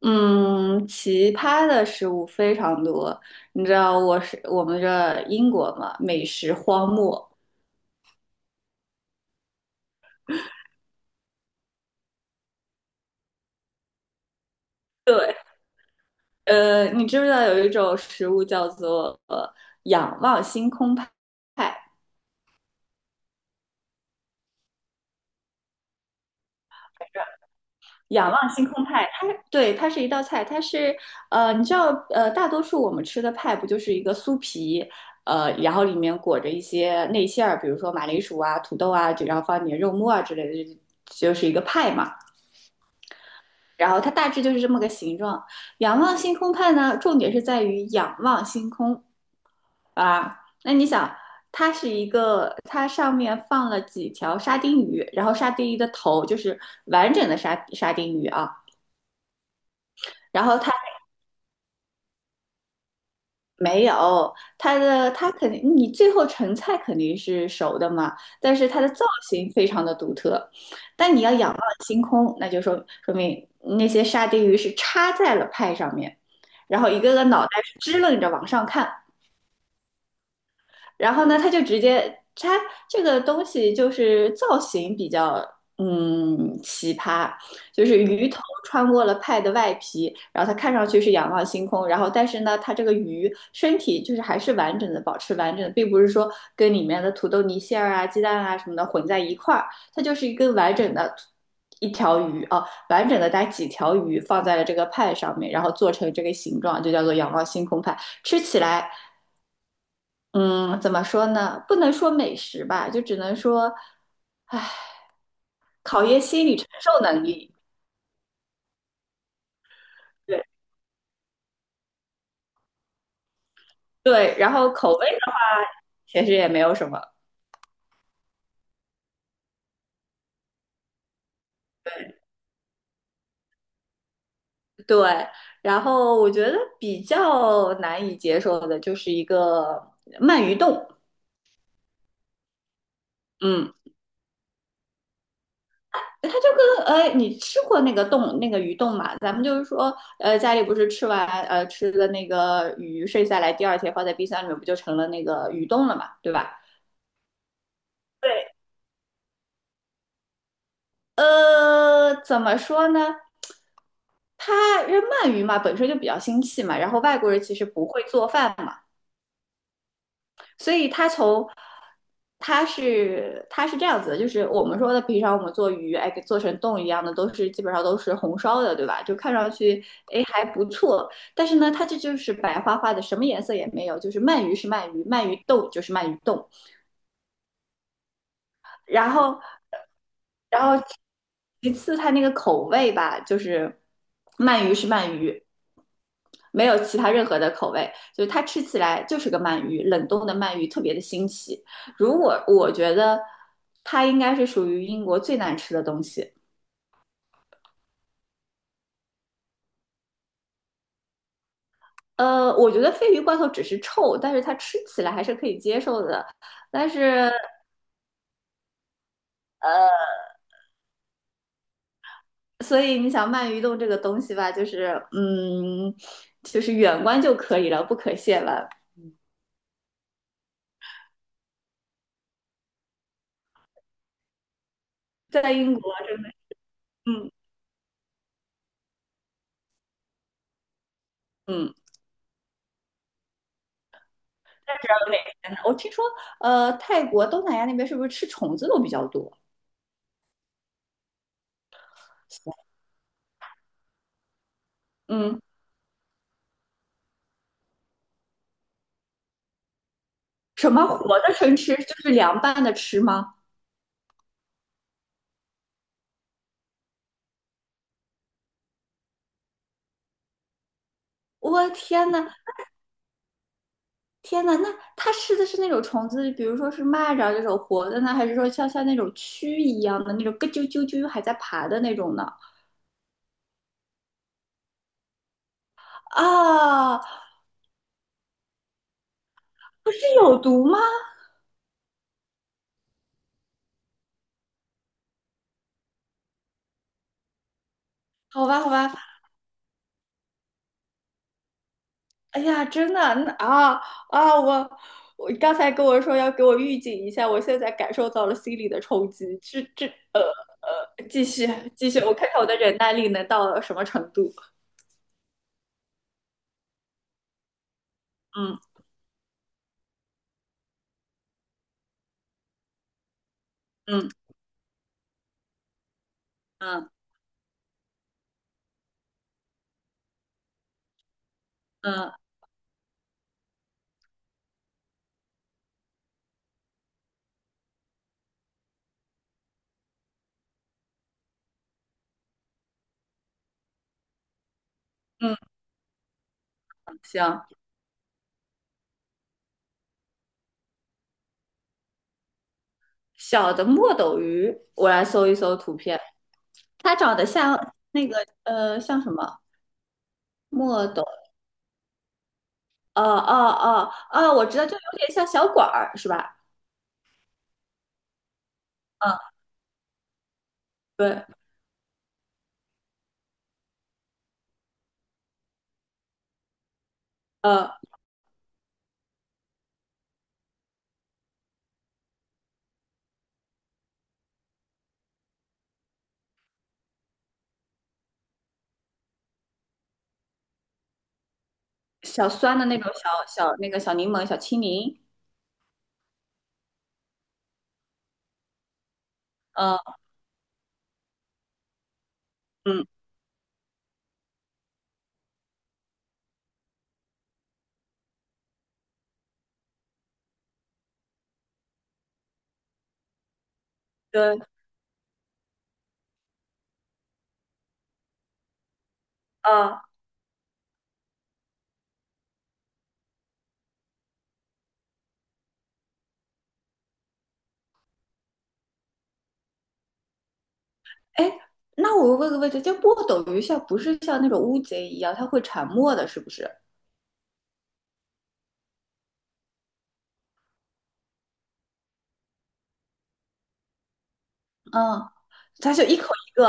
嗯，奇葩的食物非常多。你知道我是我们这英国嘛，美食荒漠。对，你知不知道有一种食物叫做仰望星空派？仰望星空派，它对，它是一道菜，它是你知道大多数我们吃的派不就是一个酥皮，然后里面裹着一些内馅儿，比如说马铃薯啊、土豆啊，然后放点肉末啊之类的，就是一个派嘛。然后它大致就是这么个形状。仰望星空派呢，重点是在于仰望星空啊。那你想，它是一个，它上面放了几条沙丁鱼，然后沙丁鱼的头就是完整的沙丁鱼啊，然后它没有，它肯定，你最后成菜肯定是熟的嘛，但是它的造型非常的独特。但你要仰望星空，那就说明那些沙丁鱼是插在了派上面，然后一个个脑袋是支棱着往上看。然后呢，他这个东西就是造型比较奇葩，就是鱼头穿过了派的外皮，然后它看上去是仰望星空，然后但是呢，它这个鱼身体就是还是完整的，保持完整的，并不是说跟里面的土豆泥馅儿啊、鸡蛋啊什么的混在一块儿，它就是一根完整的。一条鱼啊，完整的带几条鱼放在了这个派上面，然后做成这个形状，就叫做仰望星空派。吃起来嗯，怎么说呢？不能说美食吧，就只能说考验心理承受能力。对对，然后口味上其实也没有什么。对，然后我觉得比较难以接受的就是一个鳗鱼冻。嗯，它就跟你吃过那个冻那个鱼冻嘛？咱们就是说，家里不是吃完吃的那个鱼剩下来，第二天放在冰箱里面，不就成了那个鱼冻了嘛，对吧？对。怎么说呢？他因为鳗鱼嘛，本身就比较腥气嘛，然后外国人其实不会做饭嘛，所以他从他是这样子的，就是我们说的平常我们做鱼，哎，给做成冻一样的，都是基本上都是红烧的，对吧？就看上去哎还不错，但是呢，它这就是白花花的，什么颜色也没有，就是鳗鱼是鳗鱼，鳗鱼冻就是鳗鱼冻，然后，然后其次它那个口味吧，就是鳗鱼是鳗鱼，没有其他任何的口味，就是它吃起来就是个鳗鱼，冷冻的鳗鱼特别的新奇。如果我觉得它应该是属于英国最难吃的东西。我觉得鲱鱼罐头只是臭，但是它吃起来还是可以接受的。但是，所以你想鳗鱼冻这个东西吧，就是就是远观就可以了，不可亵玩。在英国真的，嗯，嗯，那不知道有点天呢我听说，泰国、东南亚那边是不是吃虫子都比较多？嗯，什么活的生吃，就是凉拌的吃吗？我天呐，天呐，那它吃的是那种虫子，比如说是蚂蚱这种活的呢，还是说像那种蛆一样的那种咯啾啾啾还在爬的那种呢？啊，不是有毒吗？好吧，好吧，哎呀，真的，那啊，啊，我刚才跟我说要给我预警一下，我现在感受到了心理的冲击。这呃继续继续，我看看我的忍耐力能到什么程度。嗯，嗯，嗯，嗯，嗯，行。小的墨斗鱼，我来搜一搜图片，它长得像那个像什么墨斗？哦哦哦哦，我知道，就有点像小管儿是吧？嗯，对，呃。小酸的那种小那个小柠檬、小青柠，嗯，嗯，对，啊，哎，那我问个问题，就墨斗鱼像不是像那种乌贼一样，它会沉默的，是不是？嗯，它就一口一个。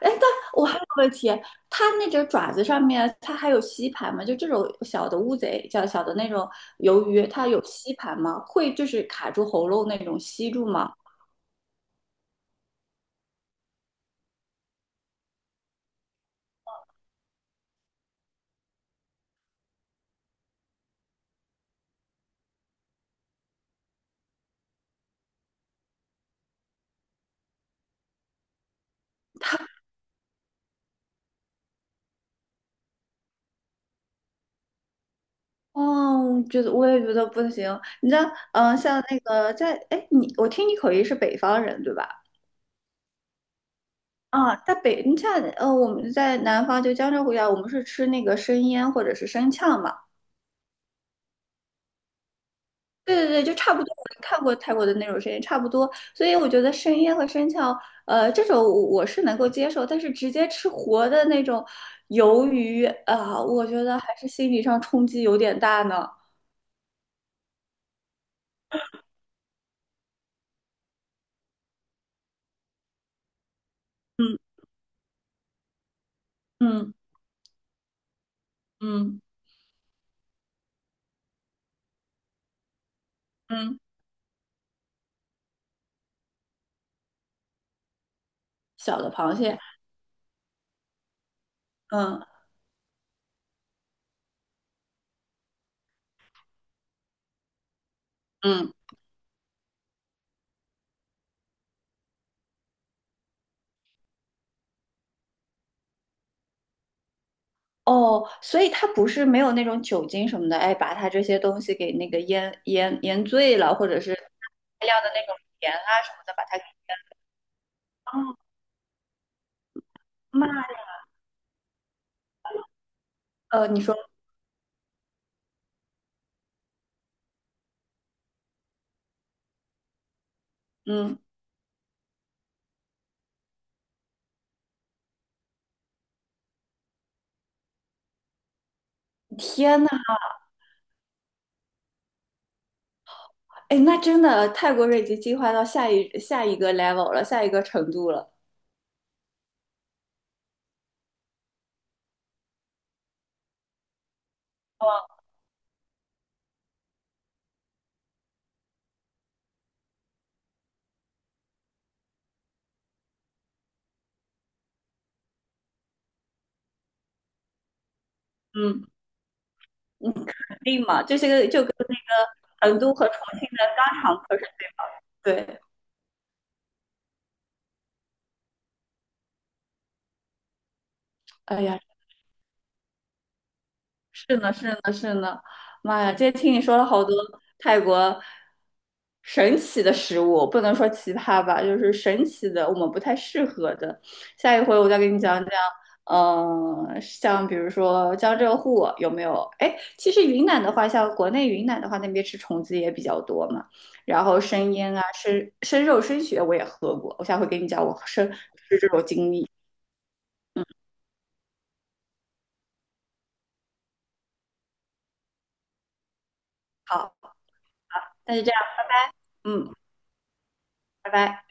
哎，但我还有个问题，它那个爪子上面它还有吸盘吗？就这种小的乌贼，叫小的那种鱿鱼，它有吸盘吗？会就是卡住喉咙那种吸住吗？哦，觉得我也觉得不行。你知道，嗯、像那个在，哎，你我听你口音是北方人对吧？啊，在北，你像我们在南方就江浙沪一带，我们是吃那个生腌或者是生呛嘛。对对对，就差不多。我看过泰国的那种生腌，差不多。所以我觉得生腌和生呛，这种我是能够接受，但是直接吃活的那种鱿鱼啊、我觉得还是心理上冲击有点大呢。嗯，嗯，嗯，嗯，小的螃蟹，嗯，嗯。哦，所以他不是没有那种酒精什么的，哎，把他这些东西给那个腌醉了，或者是大量的那种盐啊什么的，把它给。哦，妈，你说，嗯，天呐，哎，那真的泰国人已经进化到下一个 level 了，下一个程度了。嗯，肯定嘛，这些个就跟那个成都和重庆的肛肠科是对。不对，哎呀。是呢，是呢，是呢，妈呀！今天听你说了好多泰国神奇的食物，不能说奇葩吧，就是神奇的，我们不太适合的。下一回我再给你讲讲，嗯、像比如说江浙沪有没有？哎，其实云南的话，像国内云南的话，那边吃虫子也比较多嘛。然后生腌啊，生肉、生血我也喝过，我下回给你讲我生吃这种经历。好，那就这样，嗯，拜拜。